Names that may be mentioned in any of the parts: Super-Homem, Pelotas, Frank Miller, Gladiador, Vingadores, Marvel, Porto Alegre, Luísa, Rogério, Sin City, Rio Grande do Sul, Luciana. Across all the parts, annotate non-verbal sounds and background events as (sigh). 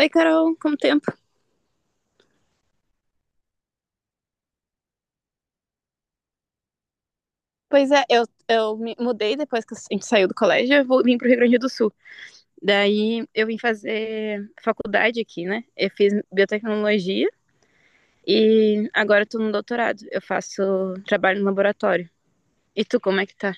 Oi, Carol, como tempo? Pois é, eu me mudei depois que a gente saiu do colégio, eu vim pro Rio Grande do Sul. Daí eu vim fazer faculdade aqui, né? Eu fiz biotecnologia e agora eu tô no doutorado. Eu faço trabalho no laboratório. E tu, como é que tá?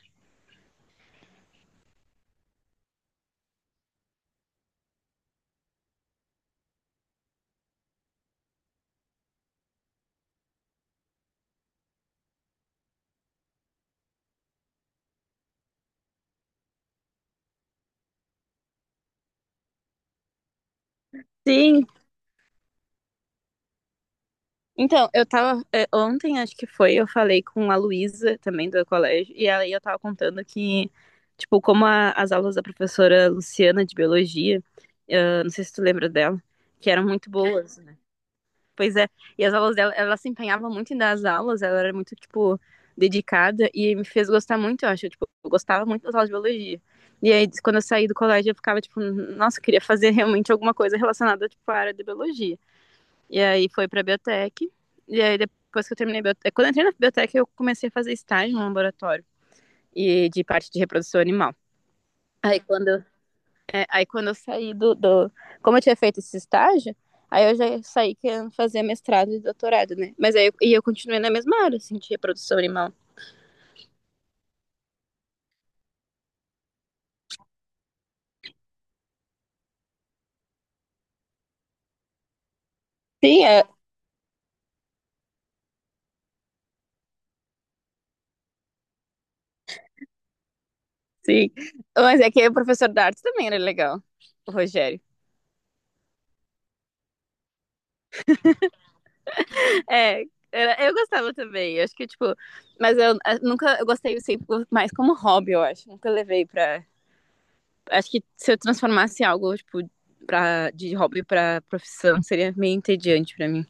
Sim. Então, ontem, acho que foi, eu falei com a Luísa, também do colégio, e aí eu tava contando que, tipo, como as aulas da professora Luciana de biologia, não sei se tu lembra dela, que eram muito boas. Pois é. E as aulas dela, ela se empenhava muito em dar as aulas, ela era muito, tipo, dedicada e me fez gostar muito, eu acho. Tipo, eu gostava muito das aulas de biologia. E aí, quando eu saí do colégio, eu ficava, tipo, nossa, eu queria fazer realmente alguma coisa relacionada, tipo, à área de biologia. E aí foi pra biotec. E aí, depois que eu terminei a biotec, quando eu entrei na biotec, eu comecei a fazer estágio no laboratório e de parte de reprodução animal. Aí, quando eu aí quando eu saí do. Como eu tinha feito esse estágio, aí eu já saí querendo fazer mestrado e doutorado, né? Mas aí eu, e eu continuei na mesma área, assim, de reprodução animal. Sim, é, sim. Mas é que o professor da arte também era legal, o Rogério. É, eu gostava também, eu acho que, tipo, mas eu, nunca, eu gostei sempre mais como hobby, eu acho, nunca levei pra, acho que se eu transformasse algo, tipo, de hobby pra profissão, seria meio entediante pra mim.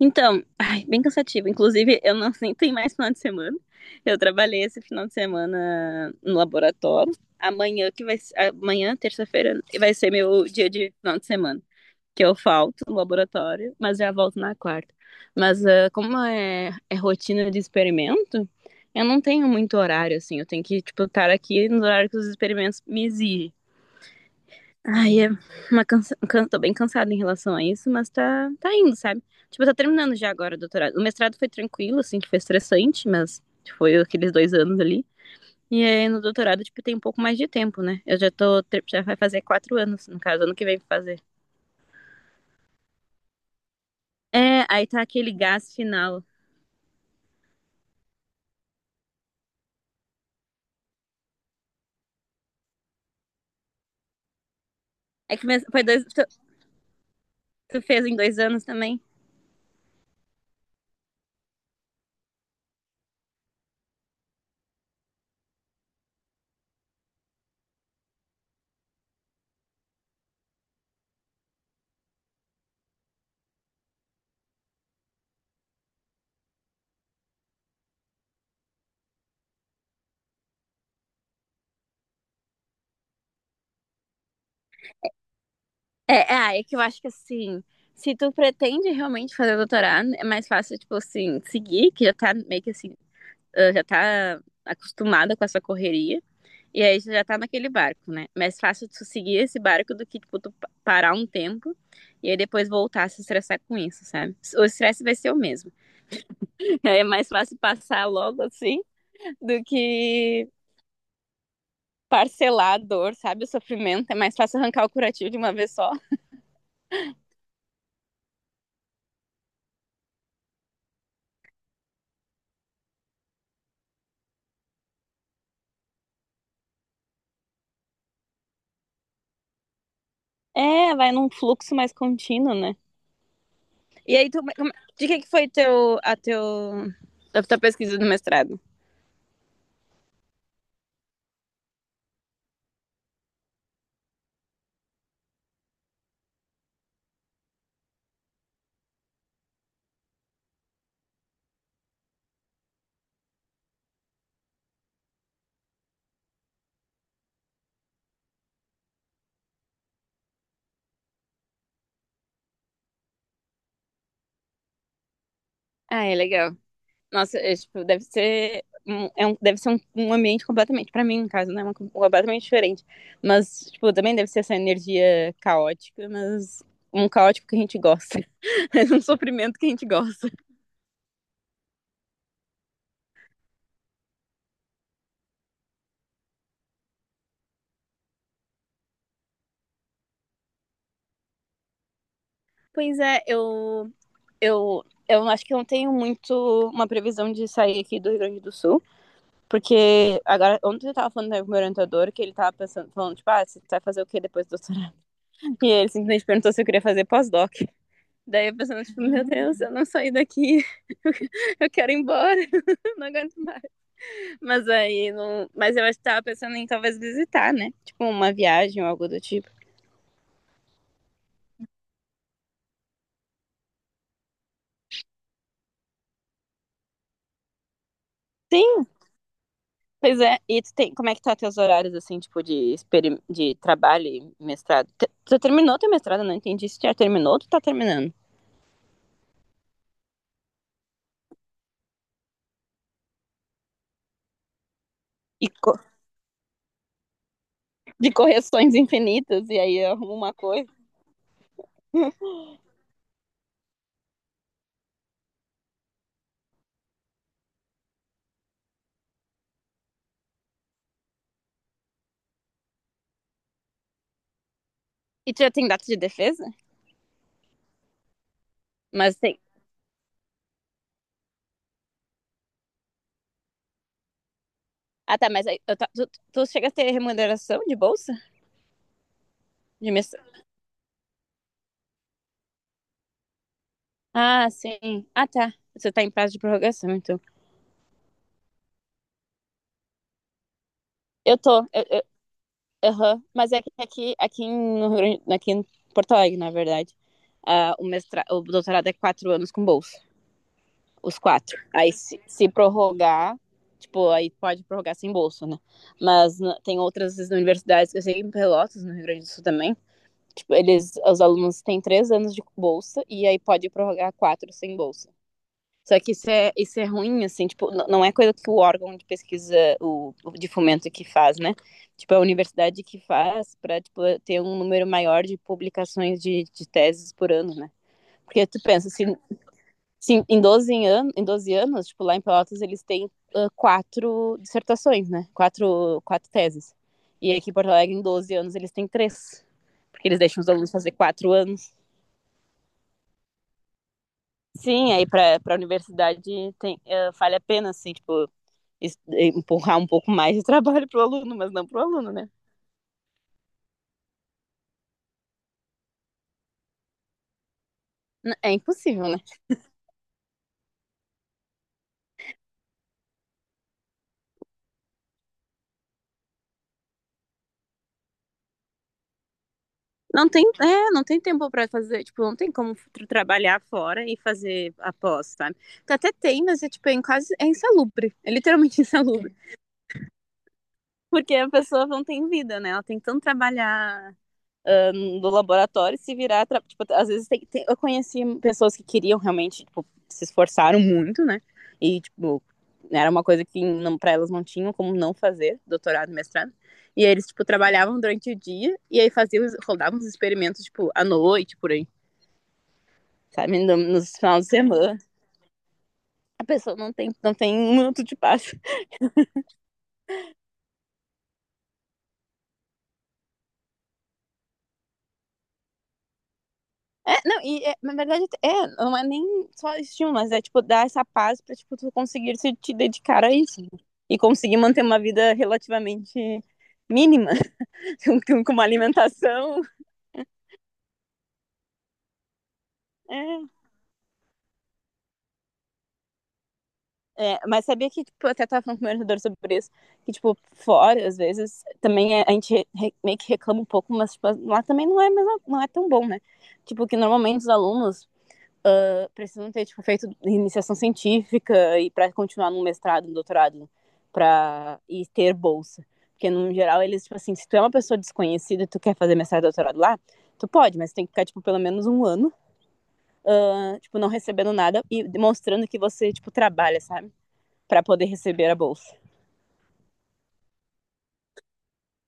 Então, ai, bem cansativo. Inclusive, eu não (laughs) nem tenho mais final de semana. Eu trabalhei esse final de semana no laboratório. Amanhã, terça-feira, vai ser meu dia de final de semana, que eu falto no laboratório, mas já volto na quarta. Mas como é, é rotina de experimento, eu não tenho muito horário assim. Eu tenho que tipo estar aqui no horário que os experimentos me exigem. Ai. Tô bem cansada em relação a isso, mas tá indo, sabe? Tipo, tá terminando já agora o doutorado. O mestrado foi tranquilo, assim, que foi estressante, mas foi aqueles 2 anos ali. E aí no doutorado, tipo, tem um pouco mais de tempo, né? Eu já vai fazer 4 anos, no caso, ano que vem pra fazer. É, aí tá aquele gás final. É que foi dois, tu fez em 2 anos também? É que eu acho que assim, se tu pretende realmente fazer doutorado, é mais fácil, tipo assim, seguir, que já tá meio que assim, já tá acostumada com essa correria. E aí você já tá naquele barco, né? É mais fácil tu seguir esse barco do que, tipo, tu parar um tempo e aí depois voltar a se estressar com isso, sabe? O estresse vai ser o mesmo. (laughs) É mais fácil passar logo assim do que parcelar a dor, sabe? O sofrimento. É mais fácil arrancar o curativo de uma vez só. É, vai num fluxo mais contínuo, né? E aí, de que foi a tua pesquisa do mestrado? Ah, é legal. Nossa, é, tipo, deve ser. É um, deve ser um ambiente completamente, pra mim, no caso, né? Completamente diferente. Mas, tipo, também deve ser essa energia caótica, mas um caótico que a gente gosta. (laughs) É um sofrimento que a gente gosta. Pois é, eu, eu acho que eu não tenho muito uma previsão de sair aqui do Rio Grande do Sul. Porque agora, ontem eu tava falando né, com o meu orientador que ele tava pensando, falando, tipo, você vai fazer o quê depois do doutorado? (laughs) E ele simplesmente perguntou se eu queria fazer pós-doc. Daí a pessoa, tipo, meu Deus, eu não saí daqui, (laughs) eu quero ir embora, (laughs) não aguento mais. Mas aí, não... mas eu acho que tava pensando em talvez visitar, né? Tipo, uma viagem ou algo do tipo. Sim, pois é. E tu tem, como é que tá teus horários, assim, tipo, de trabalho e mestrado? Tu terminou teu mestrado, não entendi se tu já terminou ou tu tá terminando. E co- de correções infinitas, e aí eu arrumo uma coisa. (laughs) E tu já tem data de defesa? Mas tem. Ah, tá, mas aí, tu chega a ter remuneração de bolsa? De mes- Ah, sim. Ah, tá. Você tá em prazo de prorrogação, então. Eu tô. Aham. Mas é que aqui, aqui, no Rio Grande- aqui em Porto Alegre, na verdade, o doutorado é 4 anos com bolsa. Os quatro. Aí se prorrogar, tipo, aí pode prorrogar sem bolsa, né? Tem outras universidades que eu sei em Pelotas, no Rio Grande do Sul também. Tipo, eles, os alunos têm 3 anos de bolsa e aí pode prorrogar quatro sem bolsa. Só que isso é ruim, assim, tipo, não é coisa que o órgão de pesquisa, de fomento que faz, né? Tipo, é a universidade que faz para tipo, ter um número maior de publicações de teses por ano, né? Porque tu pensa, se, se em, 12 anos, tipo, lá em Pelotas eles têm quatro dissertações, né? Quatro teses. E aqui em Porto Alegre, em 12 anos, eles têm três. Porque eles deixam os alunos fazer 4 anos. Sim, aí para a universidade tem, vale a pena, assim, tipo, empurrar um pouco mais de trabalho pro aluno, mas não pro aluno, né? É impossível, né? Não tem, não tem tempo para fazer, tipo, não tem como trabalhar fora e fazer após, sabe? Então, até tem, mas é tipo, é quase insalubre, é literalmente (laughs) insalubre, porque a pessoa não tem vida, né? Ela tem que tanto trabalhar do laboratório se virar. Tipo, às vezes tem, eu conheci pessoas que queriam realmente, tipo, se esforçaram muito, né? E, tipo, era uma coisa que não, pra elas não tinham como não fazer, doutorado, mestrado. E aí eles, tipo, trabalhavam durante o dia e aí faziam, rodavam os experimentos, tipo, à noite, por aí, sabe? Nos finais de semana. A pessoa não tem, não tem um minuto de paz. É, não, e é, na verdade, é, não é nem só estímulo, mas é tipo dar essa paz pra tipo, tu conseguir se te dedicar a isso. né? E conseguir manter uma vida relativamente mínima, (laughs) com uma alimentação. É, mas sabia que, tipo, eu até tava falando com o meu orientador sobre isso, que, tipo, fora, às vezes, também a gente meio que reclama um pouco, mas, tipo, lá também não é, mesmo, não é tão bom, né? Tipo, que normalmente os alunos, precisam ter tipo, feito iniciação científica e para continuar num mestrado, num doutorado, para e ter bolsa. Porque, no geral, eles, tipo assim, se tu é uma pessoa desconhecida e tu quer fazer mestrado doutorado lá, tu pode, mas tem que ficar, tipo, pelo menos um ano, tipo, não recebendo nada e demonstrando que você, tipo, trabalha, sabe? Para poder receber a bolsa.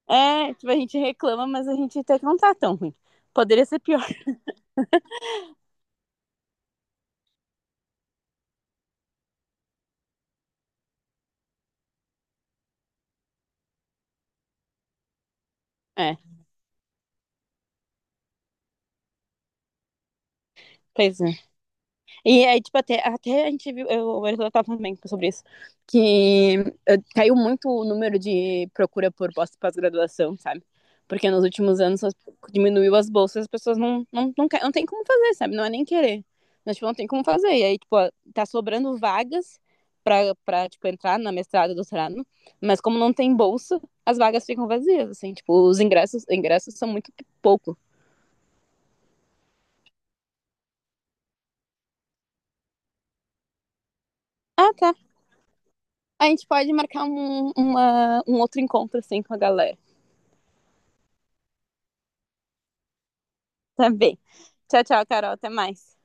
É, tipo, a gente reclama, mas a gente até que não tá tão ruim. Poderia ser pior. É, pois é. E aí, tipo, até a gente viu, eu tava também sobre isso, que caiu muito o número de procura por bolsa de pós-graduação, sabe? Porque nos últimos anos diminuiu as bolsas, as pessoas não, não, não, não tem como fazer, sabe? Não é nem querer. Mas, tipo, não tem como fazer. E aí, tipo, ó, tá sobrando vagas pra, tipo, entrar na mestrado, doutorado, mas como não tem bolsa, as vagas ficam vazias, assim, tipo, os ingressos são muito pouco. Ah, tá. A gente pode marcar um outro encontro, assim, com a galera. Tá bem. Tchau, tchau, Carol. Até mais.